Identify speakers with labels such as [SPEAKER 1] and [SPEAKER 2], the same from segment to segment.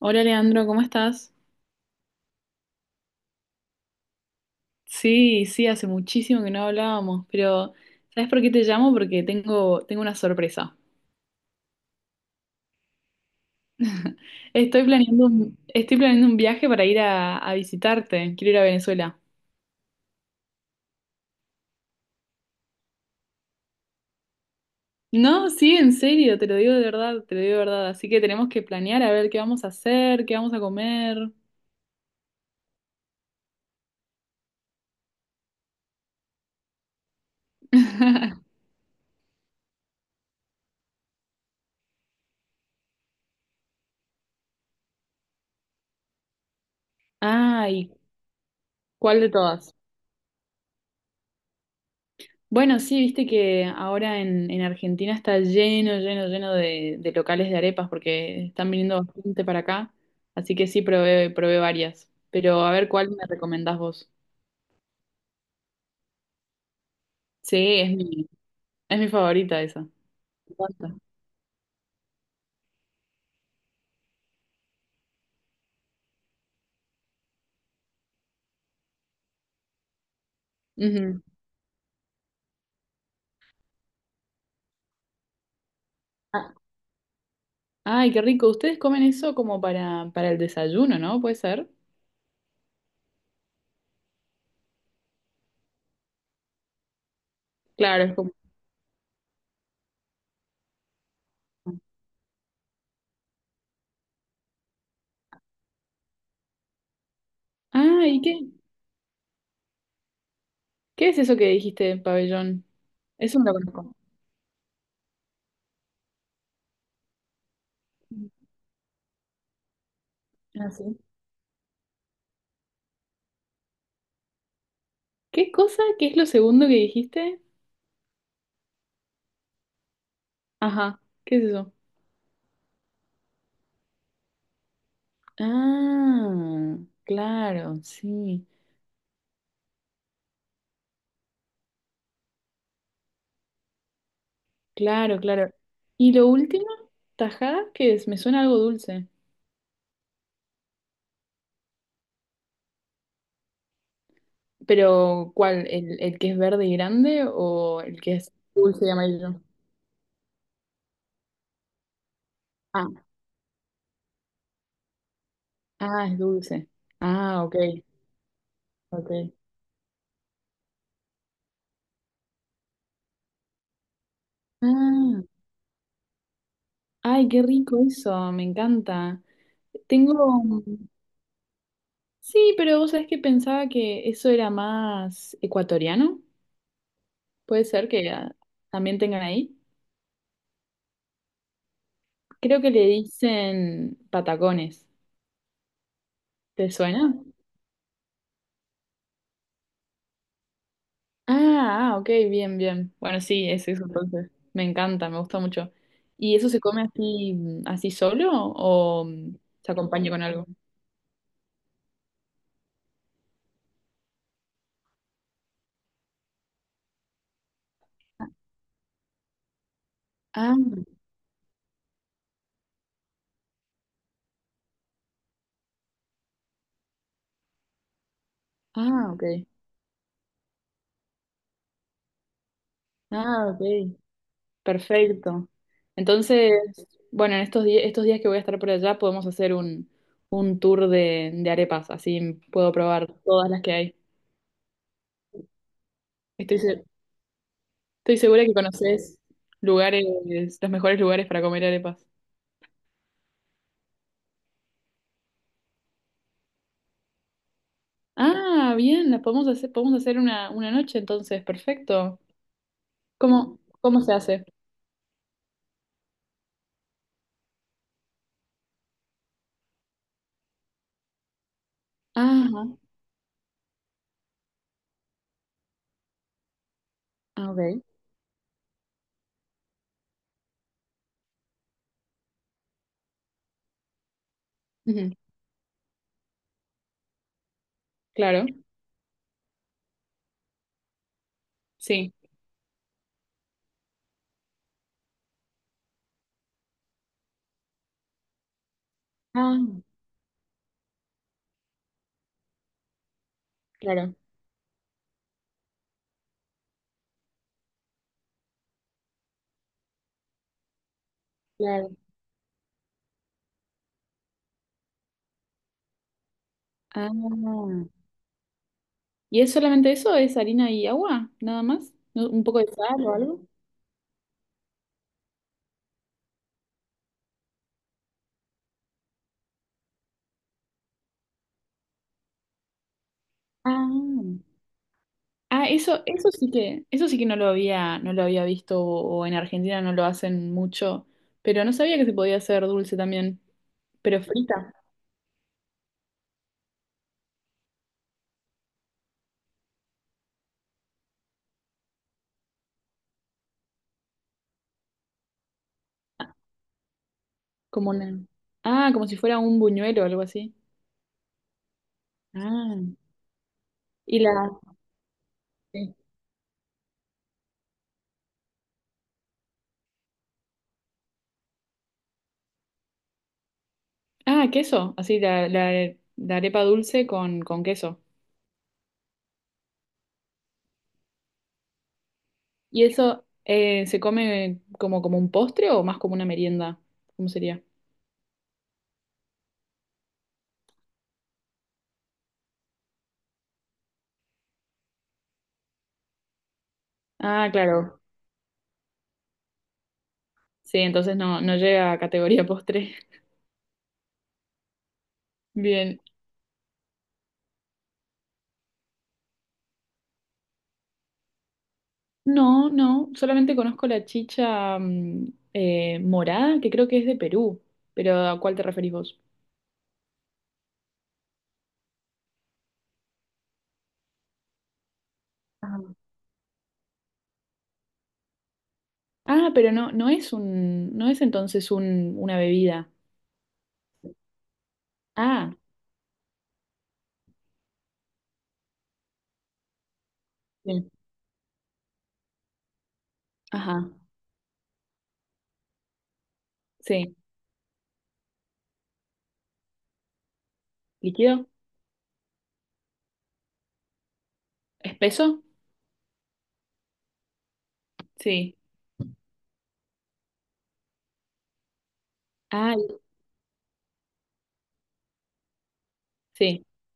[SPEAKER 1] Hola Leandro, ¿cómo estás? Sí, sí, hace muchísimo que no hablábamos, pero ¿sabes por qué te llamo? Porque tengo una sorpresa. Estoy planeando un viaje para ir a visitarte, quiero ir a Venezuela. No, sí, en serio, te lo digo de verdad, te lo digo de verdad. Así que tenemos que planear a ver qué vamos a hacer, qué vamos a comer. Ah, ¿y cuál de todas? Bueno, sí, viste que ahora en Argentina está lleno, lleno, lleno de locales de arepas porque están viniendo bastante para acá. Así que sí, probé, probé varias. Pero a ver cuál me recomendás vos. Sí, es mi favorita esa. Me encanta. Ujú. Ah, ay, qué rico. Ustedes comen eso como para el desayuno, ¿no? ¿Puede ser? Claro, es como. Ah, ¿y qué? ¿Qué es eso que dijiste, pabellón? Eso no lo conozco. Ah, sí. ¿Qué cosa? ¿Qué es lo segundo que dijiste? Ajá, ¿qué es eso? Ah, claro, sí, claro, claro. ¿Y lo último? ¿Tajada? ¿Qué es? Me suena algo dulce. Pero, ¿cuál? ¿El que es verde y grande o el que es dulce y amarillo? Ah, ah, es dulce. Ah, ok, ok. Ah, ay, qué rico eso, me encanta. Tengo... Sí, pero vos sabés que pensaba que eso era más ecuatoriano. ¿Puede ser que también tengan ahí? Creo que le dicen patacones. ¿Te suena? Ah, ah, ok, bien, bien. Bueno, sí, es eso entonces. Me encanta, me gusta mucho. ¿Y eso se come así solo o se acompaña con algo? Ah, ah, ok. Ah, ok. Perfecto. Entonces, bueno, en estos días que voy a estar por allá podemos hacer un tour de arepas, así puedo probar todas las que hay. Estoy, se- Estoy segura que conoces lugares, los mejores lugares para comer arepas. Ah, bien, podemos hacer una noche entonces, perfecto. ¿Cómo se hace? Ajá, ok. Ujú, claro, sí. Ah, claro, claro. Ah, ¿y es solamente eso? ¿Es harina y agua? ¿Nada más? Un poco de sal o algo? Ah, ah, eso sí que no lo había visto, o en Argentina no lo hacen mucho, pero no sabía que se podía hacer dulce también, pero frita, como una, como si fuera un buñuelo o algo así. Ah, y la, sí. Ah, queso, así la arepa dulce con queso. ¿Y eso se come como un postre o más como una merienda? ¿Cómo sería? Ah, claro. Sí, entonces no, no llega a categoría postre. Bien, no, no, solamente conozco la chicha morada, que creo que es de Perú, pero ¿a cuál te referís vos? Ah. Ah, pero no, no es entonces una bebida. Ah, bien. Ajá, sí. ¿Líquido? ¿Espeso? Sí. Ah, sí.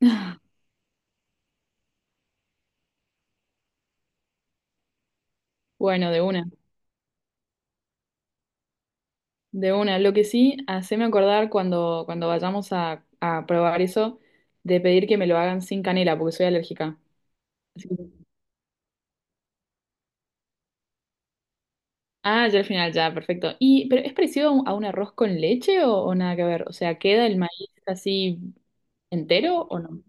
[SPEAKER 1] Bueno, de una, de una. Lo que sí, haceme acordar cuando vayamos a probar eso, de pedir que me lo hagan sin canela, porque soy alérgica. Sí. Ah, ya al final, ya, perfecto. Pero ¿es parecido a un, arroz con leche o nada que ver? O sea, ¿queda el maíz así entero o no?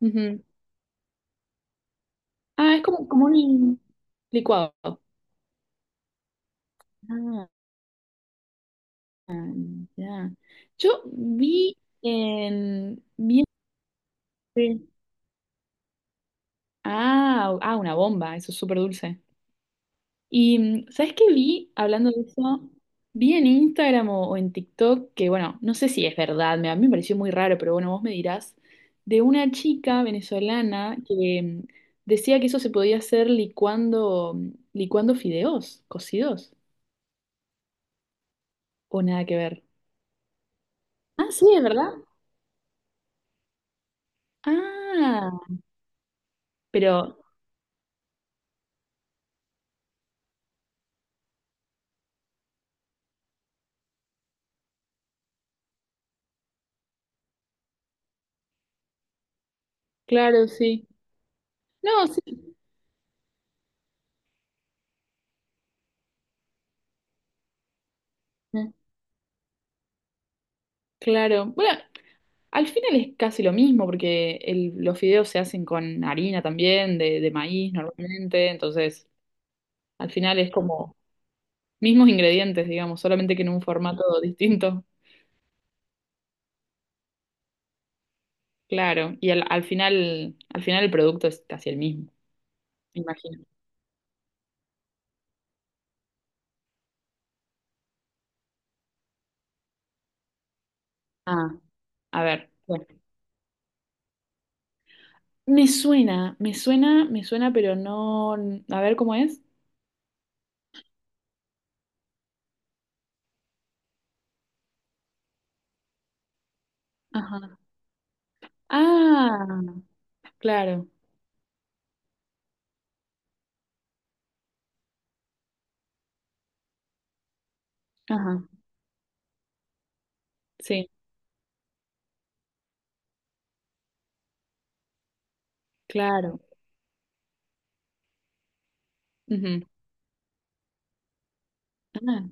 [SPEAKER 1] Ujú. Ah, es como un licuado. Ah, ya. Yo vi en... vi en- Ah, ah, una bomba, eso es súper dulce. Y, ¿sabes qué vi hablando de eso? Vi en Instagram o en TikTok, que bueno, no sé si es verdad, a mí me pareció muy raro, pero bueno, vos me dirás, de una chica venezolana que decía que eso se podía hacer licuando fideos cocidos, o nada que ver. Ah, sí, es verdad. Ah, pero claro, sí. No, sí. eh, Claro. Bueno, al final es casi lo mismo, porque los fideos se hacen con harina también, de maíz normalmente, entonces al final es como mismos ingredientes, digamos, solamente que en un formato distinto, claro. Y al final, al final el producto es casi el mismo, me imagino. Ah, a ver. Bueno. Me suena, me suena, me suena, pero no. A ver cómo es. Ajá. Ah, claro. Ajá. Sí, claro. Ujú. Ah,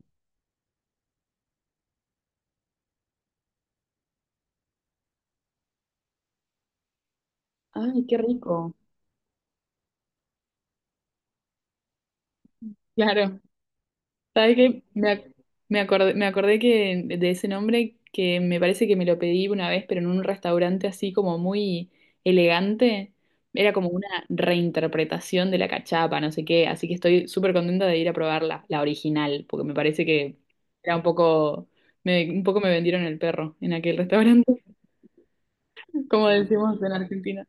[SPEAKER 1] ay, qué rico. Claro. ¿Sabes qué? Me acordé que de ese nombre que me parece que me lo pedí una vez, pero en un restaurante así como muy elegante. Era como una reinterpretación de la cachapa, no sé qué. Así que estoy súper contenta de ir a probarla, la original, porque me parece que era un poco me vendieron el perro en aquel restaurante, como decimos en Argentina.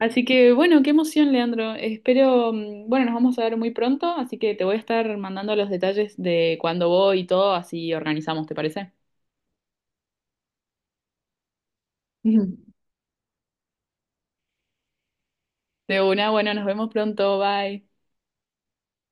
[SPEAKER 1] Así que bueno, qué emoción, Leandro. Bueno, nos vamos a ver muy pronto, así que te voy a estar mandando los detalles de cuándo voy y todo, así organizamos, ¿te parece? De una, bueno, nos vemos pronto, bye.